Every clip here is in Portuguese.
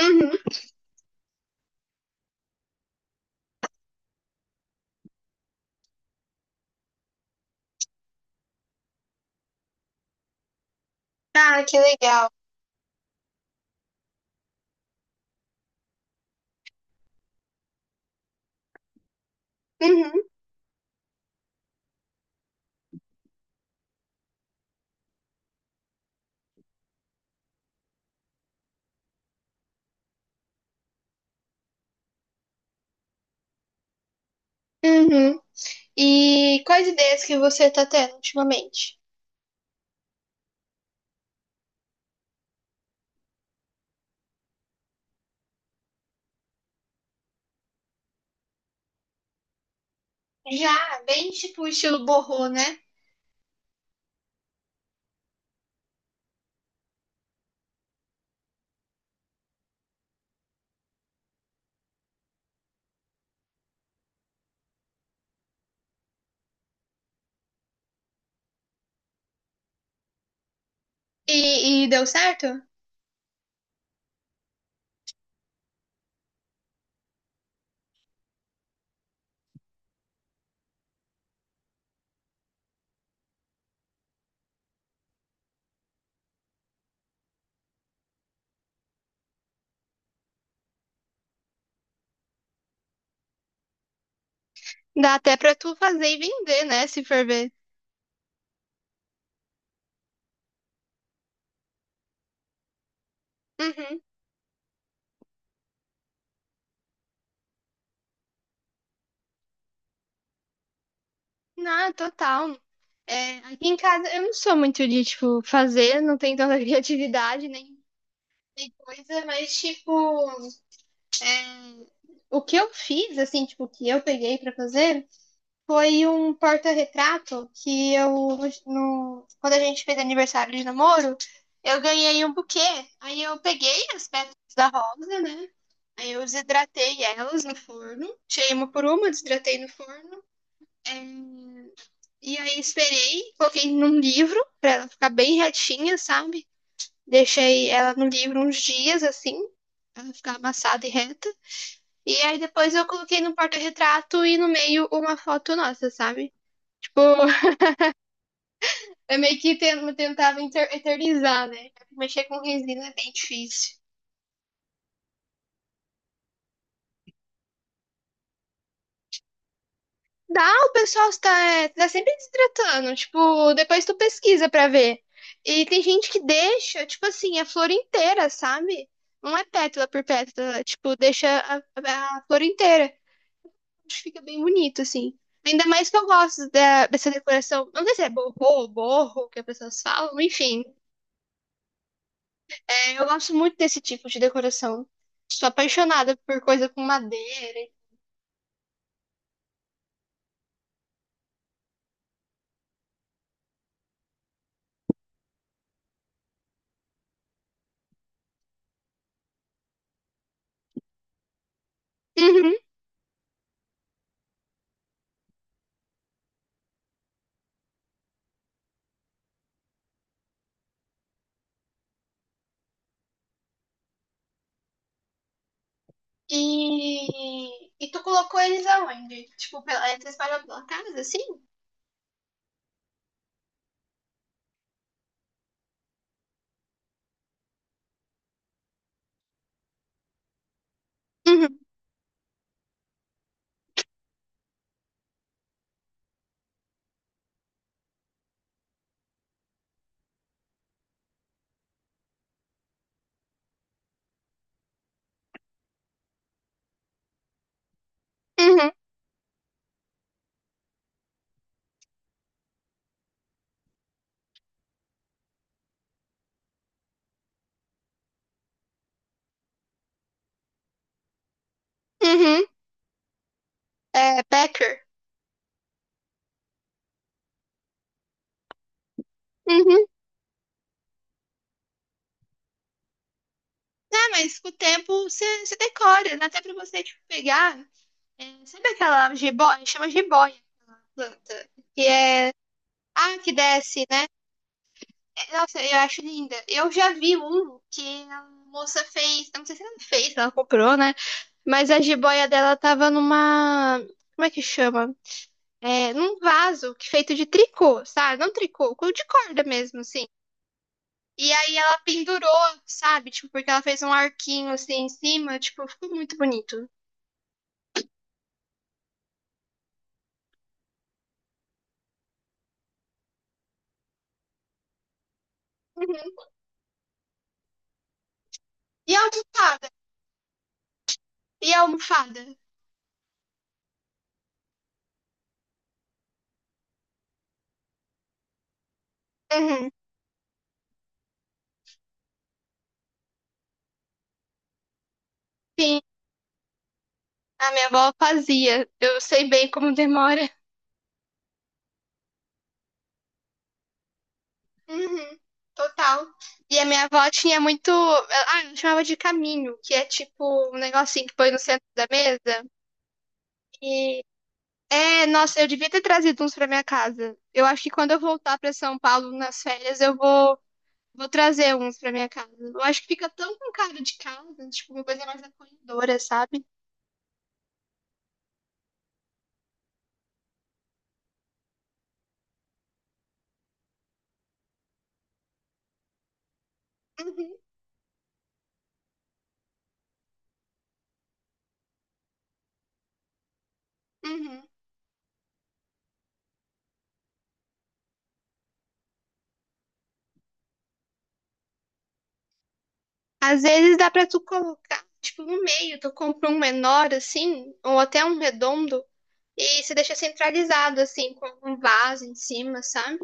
Uhum. Ah, que legal. Uhum. Uhum. E quais ideias que você tá tendo ultimamente? Já, bem tipo estilo borrô, né? E deu certo? Dá até pra tu fazer e vender, né? Se for ver. Uhum. Não, total. É, aqui em casa eu não sou muito de, tipo, fazer, não tenho tanta criatividade nem, nem coisa, mas, tipo, é, o que eu fiz, assim, tipo, o que eu peguei pra fazer. Foi um porta-retrato que eu, no, quando a gente fez aniversário de namoro, eu ganhei um buquê. Aí eu peguei as pétalas da rosa, né? Aí eu desidratei elas no forno, tirei uma por uma, desidratei no forno. é, E aí esperei, coloquei num livro pra ela ficar bem retinha, sabe? Deixei ela no livro uns dias, assim, pra ela ficar amassada e reta. E aí depois eu coloquei no porta-retrato e no meio uma foto nossa, sabe? Tipo, eu meio que tentava eternizar, né? Mexer com resina é bem difícil. Dá, o pessoal tá sempre desidratando. Tipo, depois tu pesquisa pra ver. E tem gente que deixa, tipo assim, a flor inteira, sabe? Não é pétala por pétala. Tipo, deixa a flor inteira. Acho que fica bem bonito, assim. Ainda mais que eu gosto dessa decoração. Não sei se é borrô, borro, que as pessoas falam. Enfim, eu gosto muito desse tipo de decoração. Sou apaixonada por coisa com madeira. Uhum. E, e tu colocou eles aonde? Tipo, pela, entre as casa, assim? Uhum. Uhum. Uhum. É, Packer. Uhum. Ah, mas com o tempo você decora, dá até pra você, tipo, pegar. É, sabe aquela jiboia? Chama jiboia a planta. Que é. Ah, que desce, né? É, nossa, eu acho linda. Eu já vi um que a moça fez. Eu Não sei se ela fez, se ela comprou, né? Mas a jiboia dela tava numa. Como é que chama? Num vaso que feito de tricô, sabe? Não tricô, de corda mesmo, assim. E aí ela pendurou, sabe? Tipo, porque ela fez um arquinho assim em cima, tipo, ficou muito bonito. Uhum. E a almofada? E a almofada? Uhum. Sim, a minha avó fazia. Eu sei bem como demora. Uhum. Total. E a minha avó tinha muito. Ah, ela chamava de caminho, que é tipo um negocinho que põe no centro da mesa. E é, nossa, eu devia ter trazido uns pra minha casa. Eu acho que quando eu voltar pra São Paulo nas férias, vou trazer uns pra minha casa. Eu acho que fica tão com cara de casa, tipo, uma coisa mais acolhedora, sabe? Uhum, uhum. Às vezes dá pra tu colocar, tipo, no meio, tu compra um menor assim, ou até um redondo, e você deixa centralizado, assim, com um vaso em cima, sabe?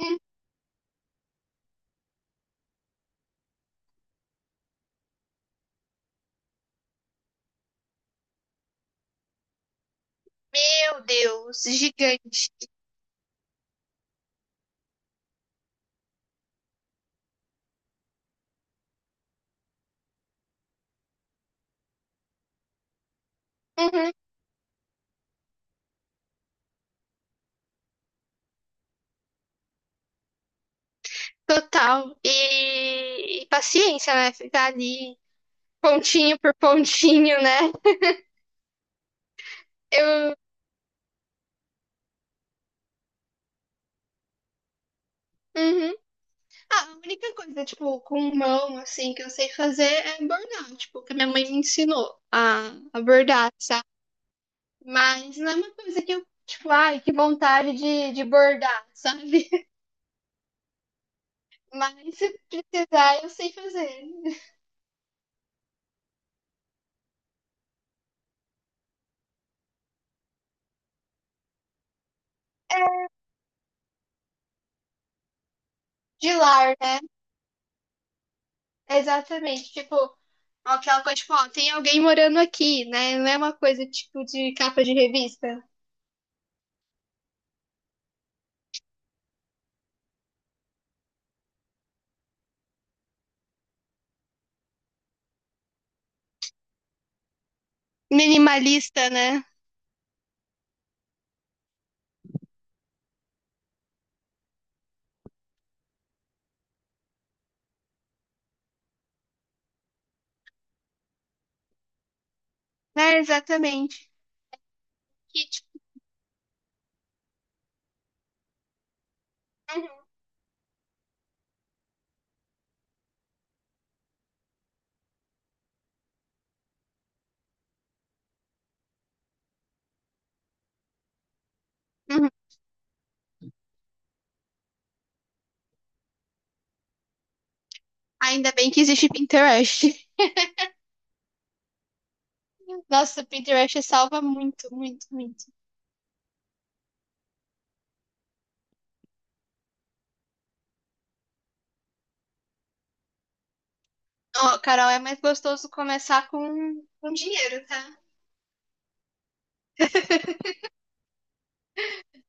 Hum, Meu Deus, gigante. Uhum. Total. E paciência, né? Ficar ali pontinho por pontinho, né? Eu. Uhum. Ah, a única coisa, tipo, com mão, assim, que eu sei fazer é bordar, tipo, que a minha mãe me ensinou a bordar, sabe? Mas não é uma coisa que eu, tipo, ai, que vontade de bordar, sabe? Mas se precisar, eu sei fazer. De lar, né? Exatamente. Tipo, aquela coisa, tipo, ó, tem alguém morando aqui, né? Não é uma coisa, tipo, de capa de revista. Minimalista, né? É, exatamente. Que, tipo, uhum. Ainda bem que existe Pinterest. Nossa, Pinterest salva muito, muito, muito. Ó, Carol, é mais gostoso começar com, dinheiro, tá?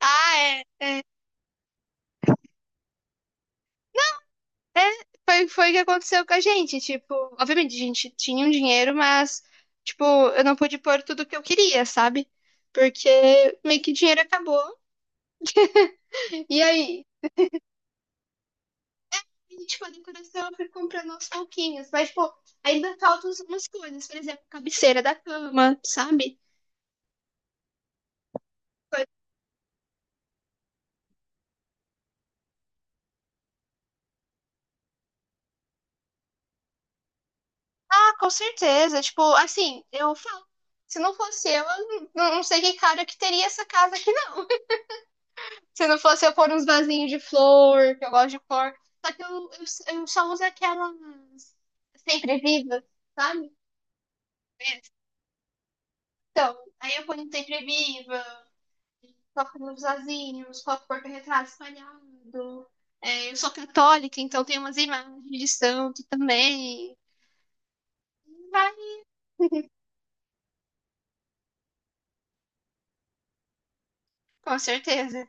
Ah, é. É, foi o que aconteceu com a gente. Tipo, obviamente, a gente tinha um dinheiro, mas, tipo, eu não pude pôr tudo que eu queria, sabe? Porque meio que o dinheiro acabou. E aí, tipo, a decoração eu fui comprando aos pouquinhos. Mas, tipo, ainda faltam umas coisas. Por exemplo, cabeceira da cama, sabe? Ah, com certeza. Tipo, assim, eu falo. Se não fosse eu, não sei que cara que teria essa casa aqui, não. Se não fosse eu pôr uns vasinhos de flor, que eu gosto de flor. Só que eu só uso aquelas sempre vivas, sabe? Então, aí eu ponho um sempre viva, coloco nos vasinhos, coloco porta-retrato espalhado. É, eu sou católica, então tem umas imagens de santo também. Vai, com certeza.